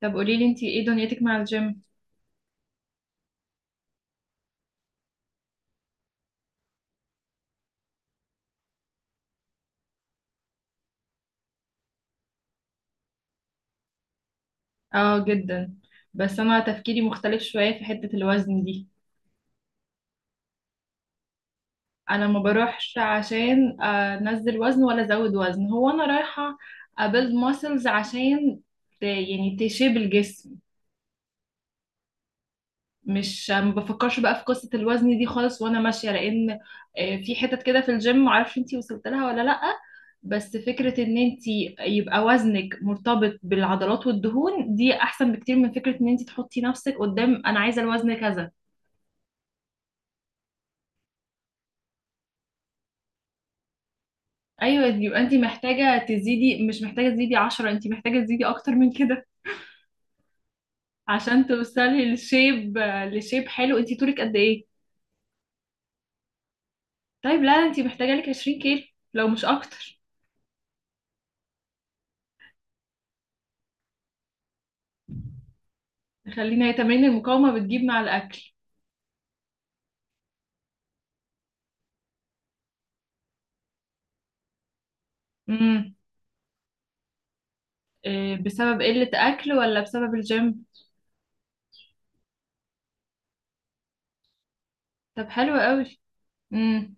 طب قولي لي انتي ايه دنيتك مع الجيم؟ اه، جدا. بس انا تفكيري مختلف شوية في حتة الوزن دي. انا ما بروحش عشان انزل وزن ولا ازود وزن، هو انا رايحة ابيلد ماسلز عشان يعني تشيب الجسم. مش ما بفكرش بقى في قصة الوزن دي خالص وانا ماشية، لان في حتت كده في الجيم معرفش انتي وصلت لها ولا لأ. بس فكرة ان انتي يبقى وزنك مرتبط بالعضلات والدهون دي احسن بكتير من فكرة ان انتي تحطي نفسك قدام انا عايزة الوزن كذا. ايوه، يبقى انتي محتاجة تزيدي، مش محتاجة تزيدي عشرة، انتي محتاجة تزيدي اكتر من كده عشان توصلي لشيب. لشيب حلو. انتي طولك قد ايه؟ طيب لا، انتي محتاجة لك 20 كيلو، لو مش اكتر. خلينا، هي تمارين المقاومة بتجيب مع الاكل. امم. إيه بسبب قلة أكل ولا بسبب الجيم؟ طب حلو قوي. امم.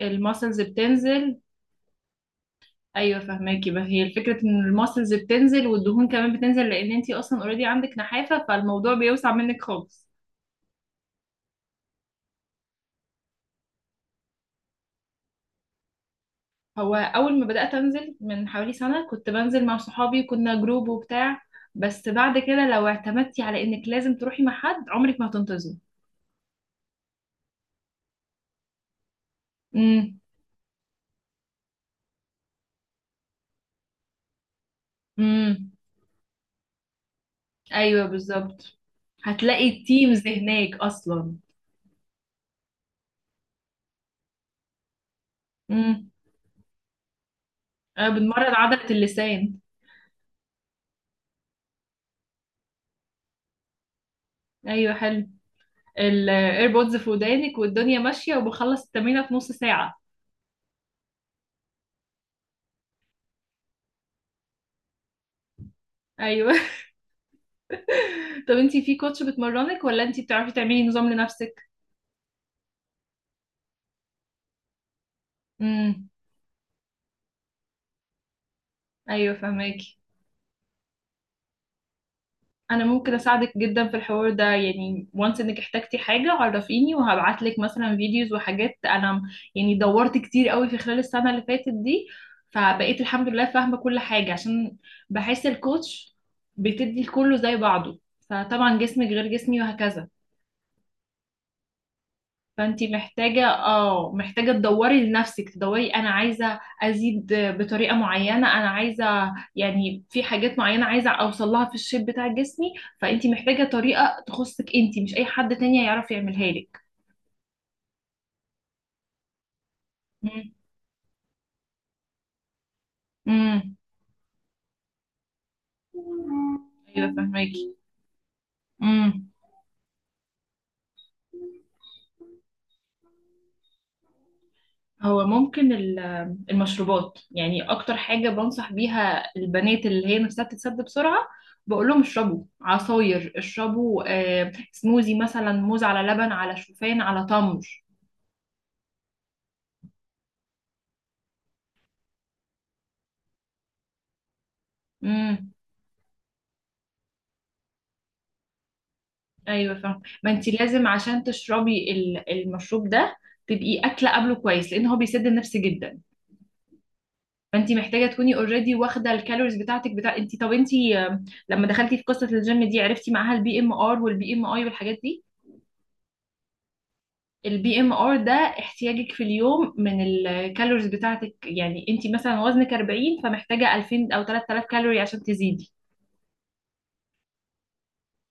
الماسلز بتنزل. ايوه فهماكي بقى. هي الفكرة ان الماسلز بتنزل والدهون كمان بتنزل، لان انتي اصلا اوريدي عندك نحافة فالموضوع بيوسع منك خالص. هو اول ما بدأت انزل من حوالي سنة كنت بنزل مع صحابي، كنا جروب وبتاع. بس بعد كده، لو اعتمدتي على انك لازم تروحي مع حد، عمرك ما هتنتظري. امم. امم. ايوه بالظبط. هتلاقي التيمز هناك اصلا. بنمرن عضلة اللسان. ايوه حلو. الايربودز في ودانك والدنيا ماشية وبخلص التمرينة في نص ساعة. ايوه. طب انتي في كوتش بتمرنك ولا انتي بتعرفي تعملي نظام لنفسك؟ امم. ايوه فهماكي. انا ممكن اساعدك جدا في الحوار ده، يعني وانس، انك احتجتي حاجه عرفيني وهبعت لك مثلا فيديوز وحاجات. انا يعني دورت كتير قوي في خلال السنه اللي فاتت دي، فبقيت الحمد لله فاهمه كل حاجه. عشان بحس الكوتش بتدي لكله زي بعضه، فطبعا جسمك غير جسمي وهكذا. فانتي محتاجة اه، محتاجة تدوري لنفسك، تدوري انا عايزة ازيد بطريقة معينة، انا عايزة يعني في حاجات معينة عايزة اوصل لها في الشيب بتاع جسمي. فانتي محتاجة طريقة تخصك انتي، مش اي حد تاني هيعرف يعملها لك. امم. امم. ايوه فهماكي. امم. هو ممكن المشروبات. يعني اكتر حاجة بنصح بيها البنات اللي هي نفسها تتسد بسرعة، بقول لهم اشربوا عصاير، اشربوا سموزي مثلا، موز على لبن على شوفان على تمر. امم. ايوه فاهم. ما انت لازم عشان تشربي المشروب ده تبقي اكله قبله كويس، لان هو بيسد النفس جدا. فانت محتاجه تكوني اوريدي واخده الكالوريز بتاعتك بتاع انت. طب انت، آه، لما دخلتي في قصه الجيم دي عرفتي معاها البي ام ار والبي ام اي والحاجات دي؟ البي ام ار ده احتياجك في اليوم من الكالوريز بتاعتك. يعني انت مثلا وزنك 40، فمحتاجه 2000 او 3000 كالوري عشان تزيدي.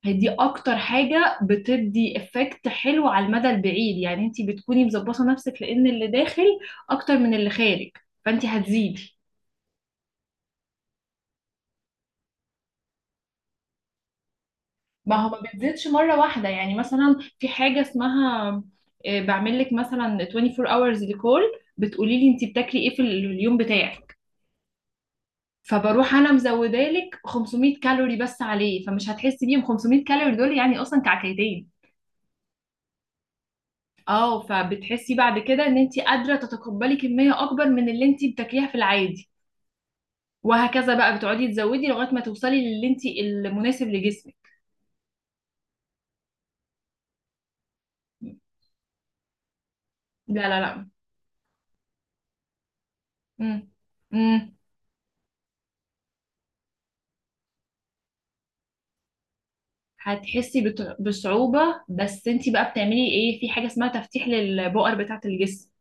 هي دي اكتر حاجه بتدي افكت حلو على المدى البعيد، يعني انت بتكوني مظبطه نفسك. لان اللي داخل اكتر من اللي خارج، فانت هتزيدي. ما هو ما بتزيدش مره واحده. يعني مثلا في حاجه اسمها بعمل لك مثلا 24 hours ريكول، بتقولي لي انت بتاكلي ايه في اليوم بتاعك، فبروح انا مزودالك 500 كالوري بس عليه، فمش هتحسي بيهم. 500 كالوري دول يعني اصلا كعكيتين. اه، فبتحسي بعد كده ان انت قادره تتقبلي كميه اكبر من اللي انت بتاكليها في العادي، وهكذا بقى بتقعدي تزودي لغايه ما توصلي للي انت المناسب لجسمك. لا لا لا. امم. امم. هتحسي بصعوبه. بس انت بقى بتعملي ايه في حاجه اسمها تفتيح للبؤر بتاعه الجسم.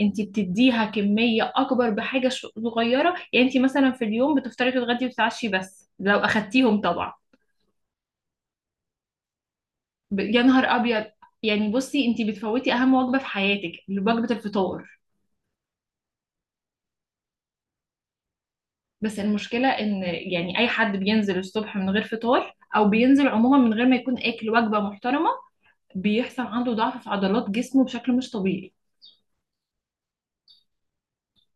انت بتديها كمية اكبر بحاجة صغيرة. يعني انت مثلا في اليوم بتفطري تتغدي وتتعشي، بس لو اخدتيهم طبعا. يا نهار ابيض! يعني بصي، انت بتفوتي اهم وجبة في حياتك، وجبة الفطار. بس المشكلة ان يعني اي حد بينزل الصبح من غير فطار، او بينزل عموما من غير ما يكون اكل وجبة محترمة، بيحصل عنده ضعف في عضلات جسمه بشكل مش طبيعي.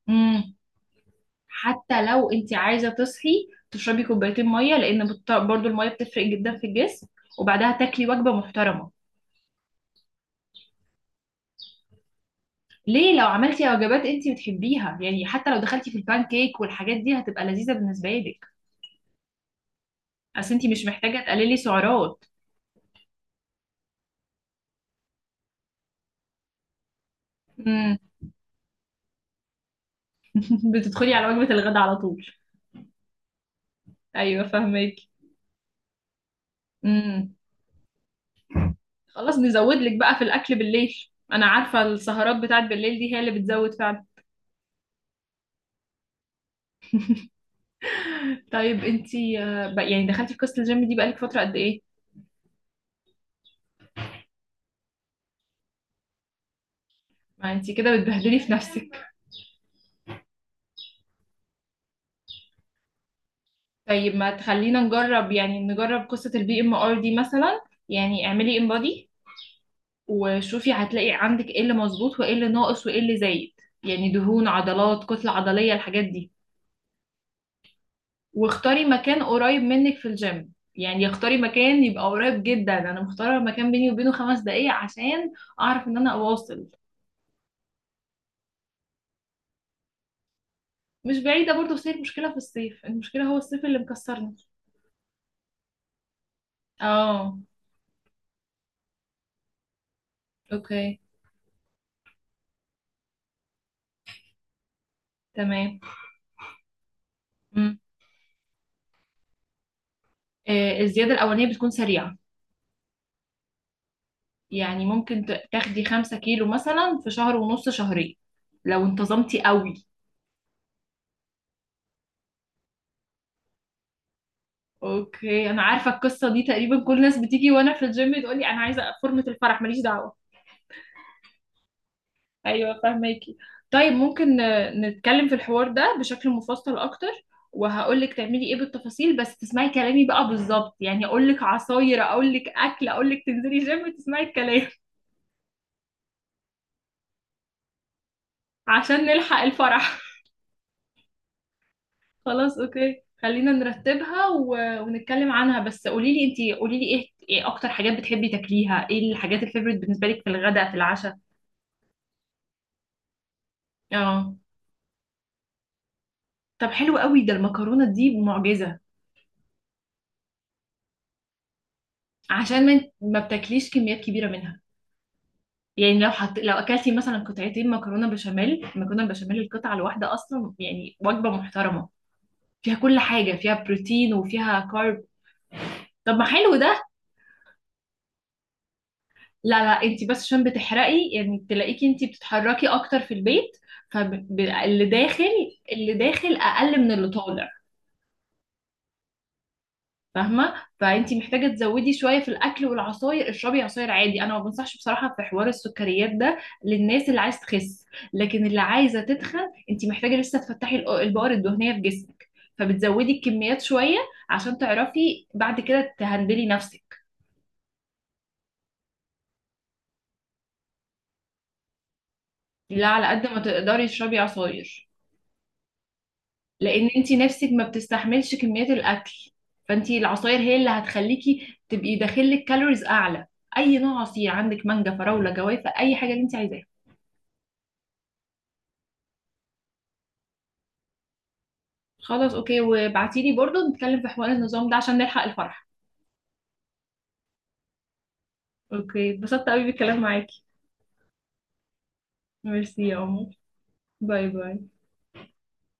امم. حتى لو انت عايزه تصحي تشربي كوبايتين ميه، لان برضو الميه بتفرق جدا في الجسم، وبعدها تاكلي وجبه محترمه. ليه؟ لو عملتي وجبات انت بتحبيها، يعني حتى لو دخلتي في البان كيك والحاجات دي، هتبقى لذيذه بالنسبه لك. اصل انت مش محتاجه تقللي سعرات. امم. بتدخلي على وجبه الغداء على طول. ايوه فاهمك. امم. خلاص نزود لك بقى في الاكل بالليل. انا عارفه السهرات بتاعت بالليل دي هي اللي بتزود فعلا. طيب انت يعني دخلتي في قصه الجيم دي بقالك فتره قد ايه؟ ما انتي كده بتبهدلي في نفسك. طيب ما تخلينا نجرب، يعني نجرب قصة البي ام ار دي مثلا. يعني اعملي انبادي وشوفي، هتلاقي عندك ايه اللي مظبوط وايه اللي ناقص وايه اللي زايد، يعني دهون، عضلات، كتلة عضلية، الحاجات دي. واختاري مكان قريب منك في الجيم، يعني اختاري مكان يبقى قريب جدا. انا مختاره مكان بيني وبينه خمس دقايق عشان اعرف ان انا اواصل. مش بعيده برضه، بس هي المشكله في الصيف، المشكله هو الصيف اللي مكسرنا. اه. اوكي. تمام. الزيادة الأولانية بتكون سريعة. يعني ممكن تاخدي خمسة كيلو مثلا في شهر ونص، شهرين، لو انتظمتي قوي. اوكي، انا عارفة القصة دي. تقريبا كل الناس بتيجي وانا في الجيم تقولي انا عايزة فورمة الفرح. ماليش دعوة. ايوه فاهماكي. طيب ممكن نتكلم في الحوار ده بشكل مفصل اكتر، وهقولك تعملي ايه بالتفاصيل. بس تسمعي كلامي بقى بالظبط، يعني اقولك عصاير اقولك اكل اقولك تنزلي جيم تسمعي الكلام عشان نلحق الفرح. خلاص اوكي، خلينا نرتبها ونتكلم عنها. بس قولي لي ايه، ايه اكتر حاجات بتحبي تاكليها، ايه الحاجات الفيفوريت بالنسبه لك في الغداء في العشاء؟ اه. طب حلو قوي، ده المكرونه دي معجزه. عشان ما بتاكليش كميات كبيره منها. يعني لو لو اكلتي مثلا قطعتين مكرونه بشاميل، المكرونه البشاميل القطعه الواحده اصلا يعني وجبه محترمه، فيها كل حاجه، فيها بروتين وفيها كارب. طب ما حلو ده. لا لا، انت بس عشان بتحرقي، يعني تلاقيكي انت بتتحركي اكتر في البيت، فاللي داخل، اللي داخل اقل من اللي طالع. فاهمه. فانت محتاجه تزودي شويه في الاكل والعصاير. اشربي عصاير عادي. انا ما بنصحش بصراحه في حوار السكريات ده للناس اللي عايز تخس، لكن اللي عايزه تتخن انت محتاجه لسه تفتحي البؤر الدهنيه في جسمك، فبتزودي الكميات شويه عشان تعرفي بعد كده تهندلي نفسك. لا، على قد ما تقدري اشربي عصاير، لان انت نفسك ما بتستحملش كميات الاكل، فانت العصاير هي اللي هتخليكي تبقي داخلك كالوريز اعلى. اي نوع عصير، عندك مانجا، فراوله، جوافه، اي حاجه اللي انت عايزاها. خلاص اوكي، وابعتيلي برضو نتكلم في حوار النظام ده عشان نلحق الفرح. اوكي، اتبسطت قوي بالكلام معاكي. ميرسي يا عمر. باي باي.